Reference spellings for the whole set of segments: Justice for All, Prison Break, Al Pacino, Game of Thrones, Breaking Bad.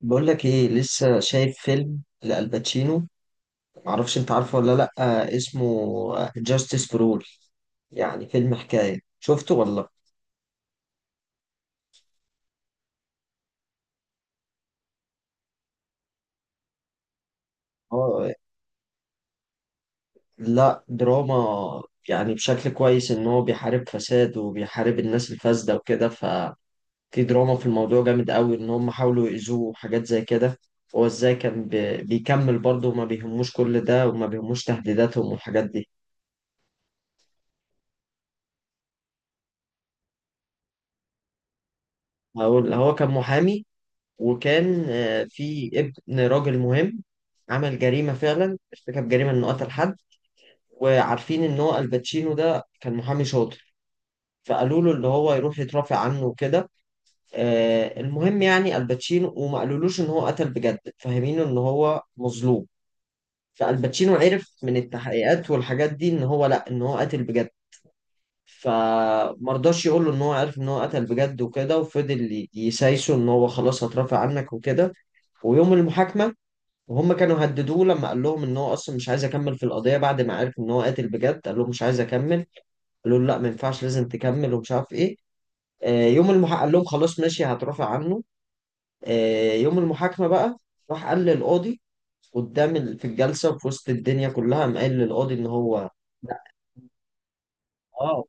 بقول لك ايه، لسه شايف فيلم لألباتشينو. معرفش انت عارفه ولا لا. اسمه جاستس فور اول، يعني فيلم حكاية شفته ولا لأ؟ اه. لا، دراما. يعني بشكل كويس ان هو بيحارب فساد وبيحارب الناس الفاسدة وكده، ففي دراما في الموضوع جامد قوي ان هم حاولوا يأذوه وحاجات زي كده. هو ازاي كان بيكمل برضه وما بيهموش كل ده وما بيهموش تهديداتهم والحاجات دي. هقول، هو كان محامي، وكان في ابن راجل مهم عمل جريمة، فعلا ارتكب جريمة إنه قتل حد. وعارفين إن هو الباتشينو ده كان محامي شاطر، فقالوا له اللي هو يروح يترافع عنه وكده. المهم، يعني الباتشينو وما قالولوش إن هو قتل بجد، فاهمينه إن هو مظلوم. فالباتشينو عرف من التحقيقات والحاجات دي إن هو لأ، إن هو قتل بجد. فمرضاش يقول له إن هو عرف إن هو قتل بجد وكده، وفضل يسايسه إن هو خلاص هترافع عنك وكده. ويوم المحاكمة، وهم كانوا هددوه لما قال لهم ان هو اصلا مش عايز يكمل في القضيه بعد ما عرف ان هو قاتل بجد، قال لهم مش عايز اكمل. قالوا له لا، ما ينفعش، لازم تكمل، ومش عارف ايه. يوم المحاكمه قال لهم خلاص ماشي، هترافع عنه. يوم المحاكمه بقى راح قال للقاضي، قدام في الجلسه وفي وسط الدنيا كلها قام قال للقاضي ان هو. لا. اه.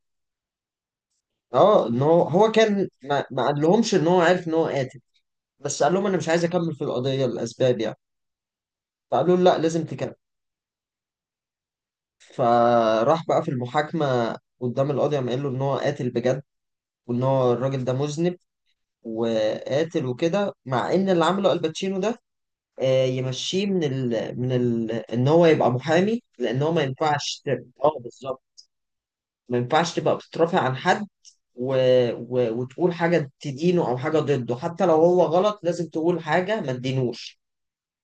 اه، ان هو هو كان ما قال لهمش ان هو عارف ان هو قاتل، بس قال لهم انا مش عايز اكمل في القضيه، الاسباب يعني. فقالوا له لا، لازم تكمل. فراح بقى في المحاكمة قدام القاضي، قام قال له إن هو قاتل بجد وإن هو الراجل ده مذنب وقاتل وكده، مع إن اللي عمله الباتشينو ده يمشيه من ال إن هو يبقى محامي، لأن هو ما ينفعش آه بالظبط، ما ينفعش تبقى بتترافع عن حد و... وتقول حاجة تدينه أو حاجة ضده، حتى لو هو غلط لازم تقول حاجة ما تدينوش.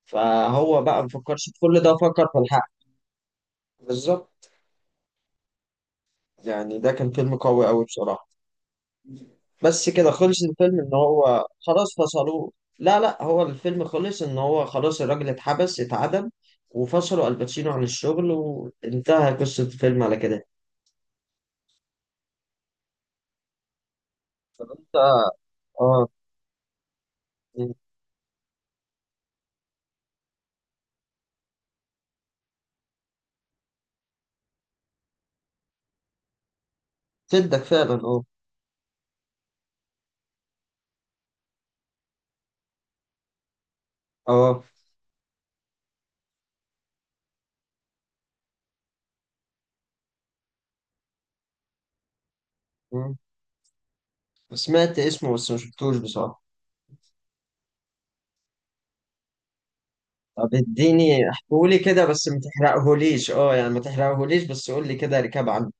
فهو بقى ما فكرش في كل ده، فكر في الحق. بالظبط. يعني ده كان فيلم قوي قوي بصراحة. بس كده خلص الفيلم، ان هو خلاص فصلوه. لا لا، هو الفيلم خلص ان هو خلاص الراجل اتحبس، اتعدم، وفصلوا الباتشينو عن الشغل، وانتهى قصة الفيلم على كده. انت. اه. تدك فعلا، اه. اه. مم. سمعت اسمه بس ما شفتوش بصراحة. طب اديني احكولي كده، بس ما تحرقهوليش، اه، يعني ما تحرقهوليش، بس قول لي كده ركاب عنه.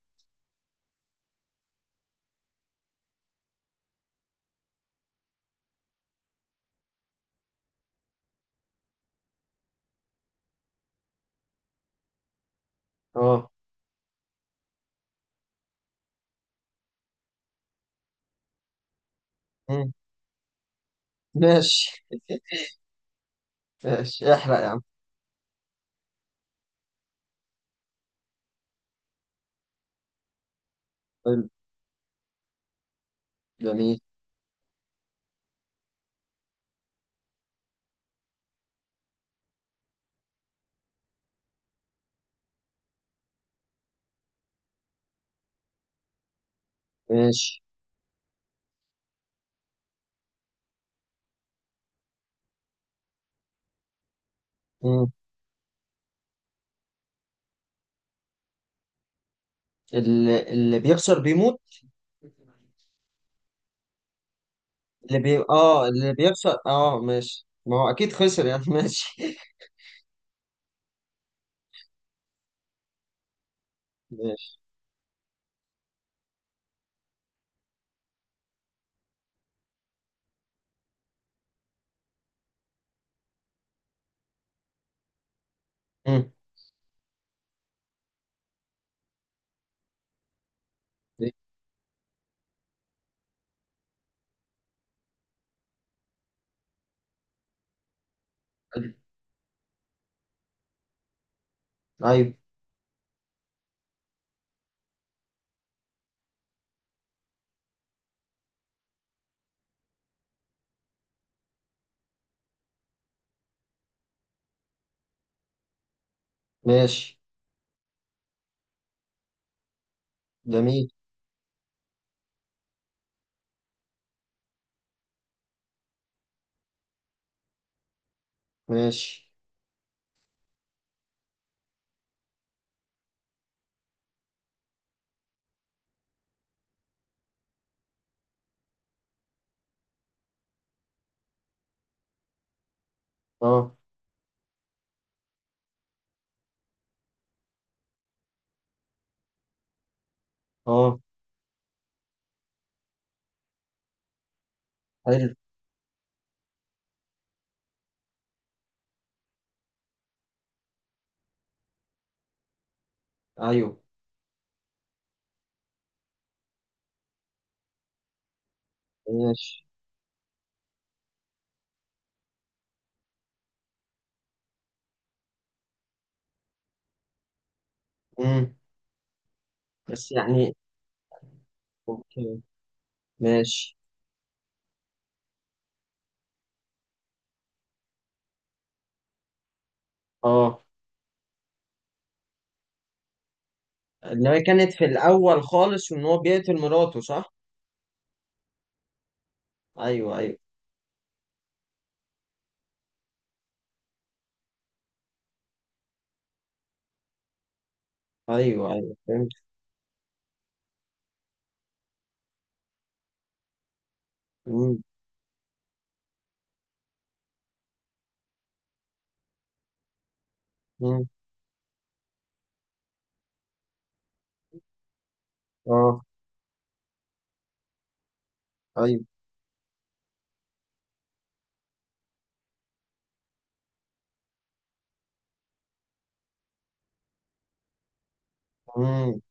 اه. مم. ماشي. ماشي، احرق يا عم. حلو. جميل. ماشي. مم. اللي بيخسر بيموت. اه، اللي بيخسر، اه ماشي، ما هو اكيد خسر يعني. ماشي. ماشي. مم. ايوه. ماشي. جميل. ماشي. اه. اه. حلو. ايوه. ماشي. مم. بس يعني. اوكي. ماشي. اه. اللي هي كانت في الاول خالص، وان هو بيقتل مراته، صح. ايوه ايوه. ايوه ايوه فهمت. مم. مم. اه. ايوه. مم.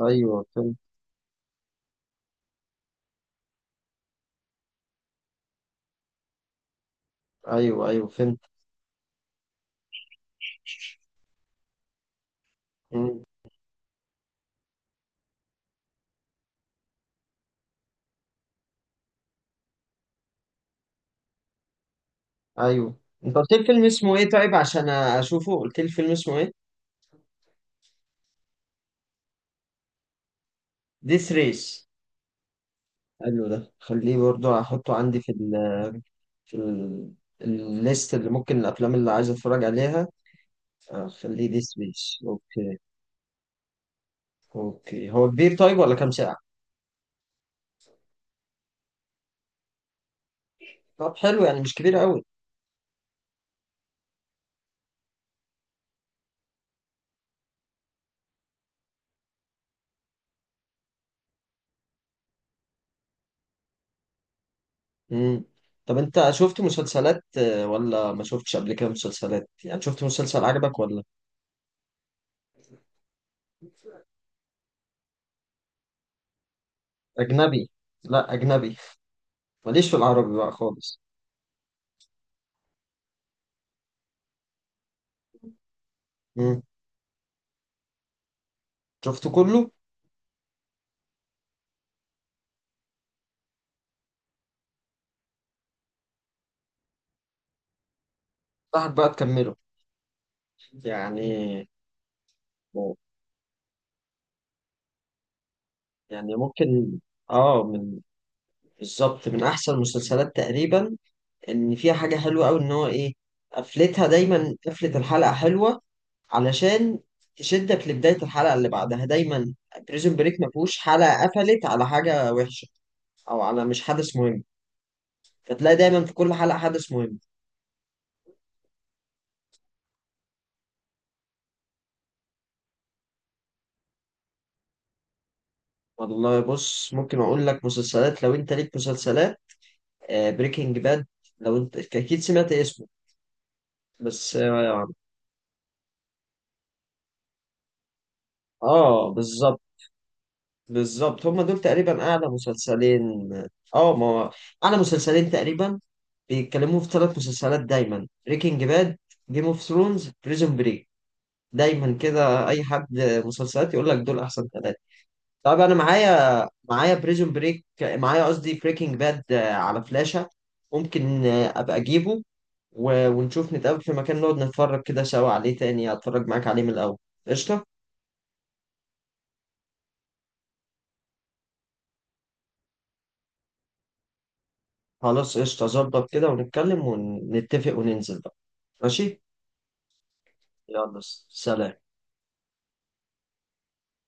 ايوه فهمت. ايوه ايوه فهمت. مم. ايوه. انت قلت لي فيلم اسمه ايه، طيب عشان اشوفه قلت لي فيلم اسمه ايه؟ ديس ريس. حلو، ده خليه برضو احطه عندي في ال، في ال، الليست اللي ممكن، الافلام اللي عايز اتفرج عليها، اخليه ديس ريس. اوكي. اوكي، هو كبير طيب ولا كام ساعة؟ طب حلو، يعني مش كبير قوي. امم. طب انت شفت مسلسلات ولا ما شفتش قبل كده مسلسلات، يعني شفت مسلسل عجبك ولا؟ اجنبي. لا اجنبي، ماليش في العربي بقى خالص. امم. شفته كله. صاحب بقى تكمله يعني يعني ممكن، اه من، بالظبط من احسن المسلسلات تقريبا. ان فيها حاجه حلوه قوي ان هو ايه، قفلتها دايما، قفله الحلقه حلوه علشان تشدك لبدايه الحلقه اللي بعدها دايما. بريزون بريك ما فيهوش حلقه قفلت على حاجه وحشه او على مش حدث مهم، فتلاقي دايما في كل حلقه حدث مهم. والله بص، ممكن اقول لك مسلسلات لو انت ليك مسلسلات. بريكنج باد، لو انت اكيد سمعت اسمه، بس اه. بالظبط. بالظبط هما دول تقريبا اعلى مسلسلين. اه، ما هو اعلى مسلسلين تقريبا، بيتكلموا في ثلاث مسلسلات دايما، بريكنج باد، جيم اوف ثرونز، بريزون بريك، دايما كده اي حد مسلسلات يقول لك دول احسن ثلاثه. طب انا معايا بريزون بريك، معايا قصدي بريكنج باد على فلاشة. ممكن ابقى اجيبه ونشوف، نتقابل في مكان نقعد نتفرج كده سوا عليه تاني، اتفرج معاك عليه من الاول. قشطة. خلاص قشطة، ظبط كده، ونتكلم ونتفق وننزل بقى. ماشي. يلا. سلام.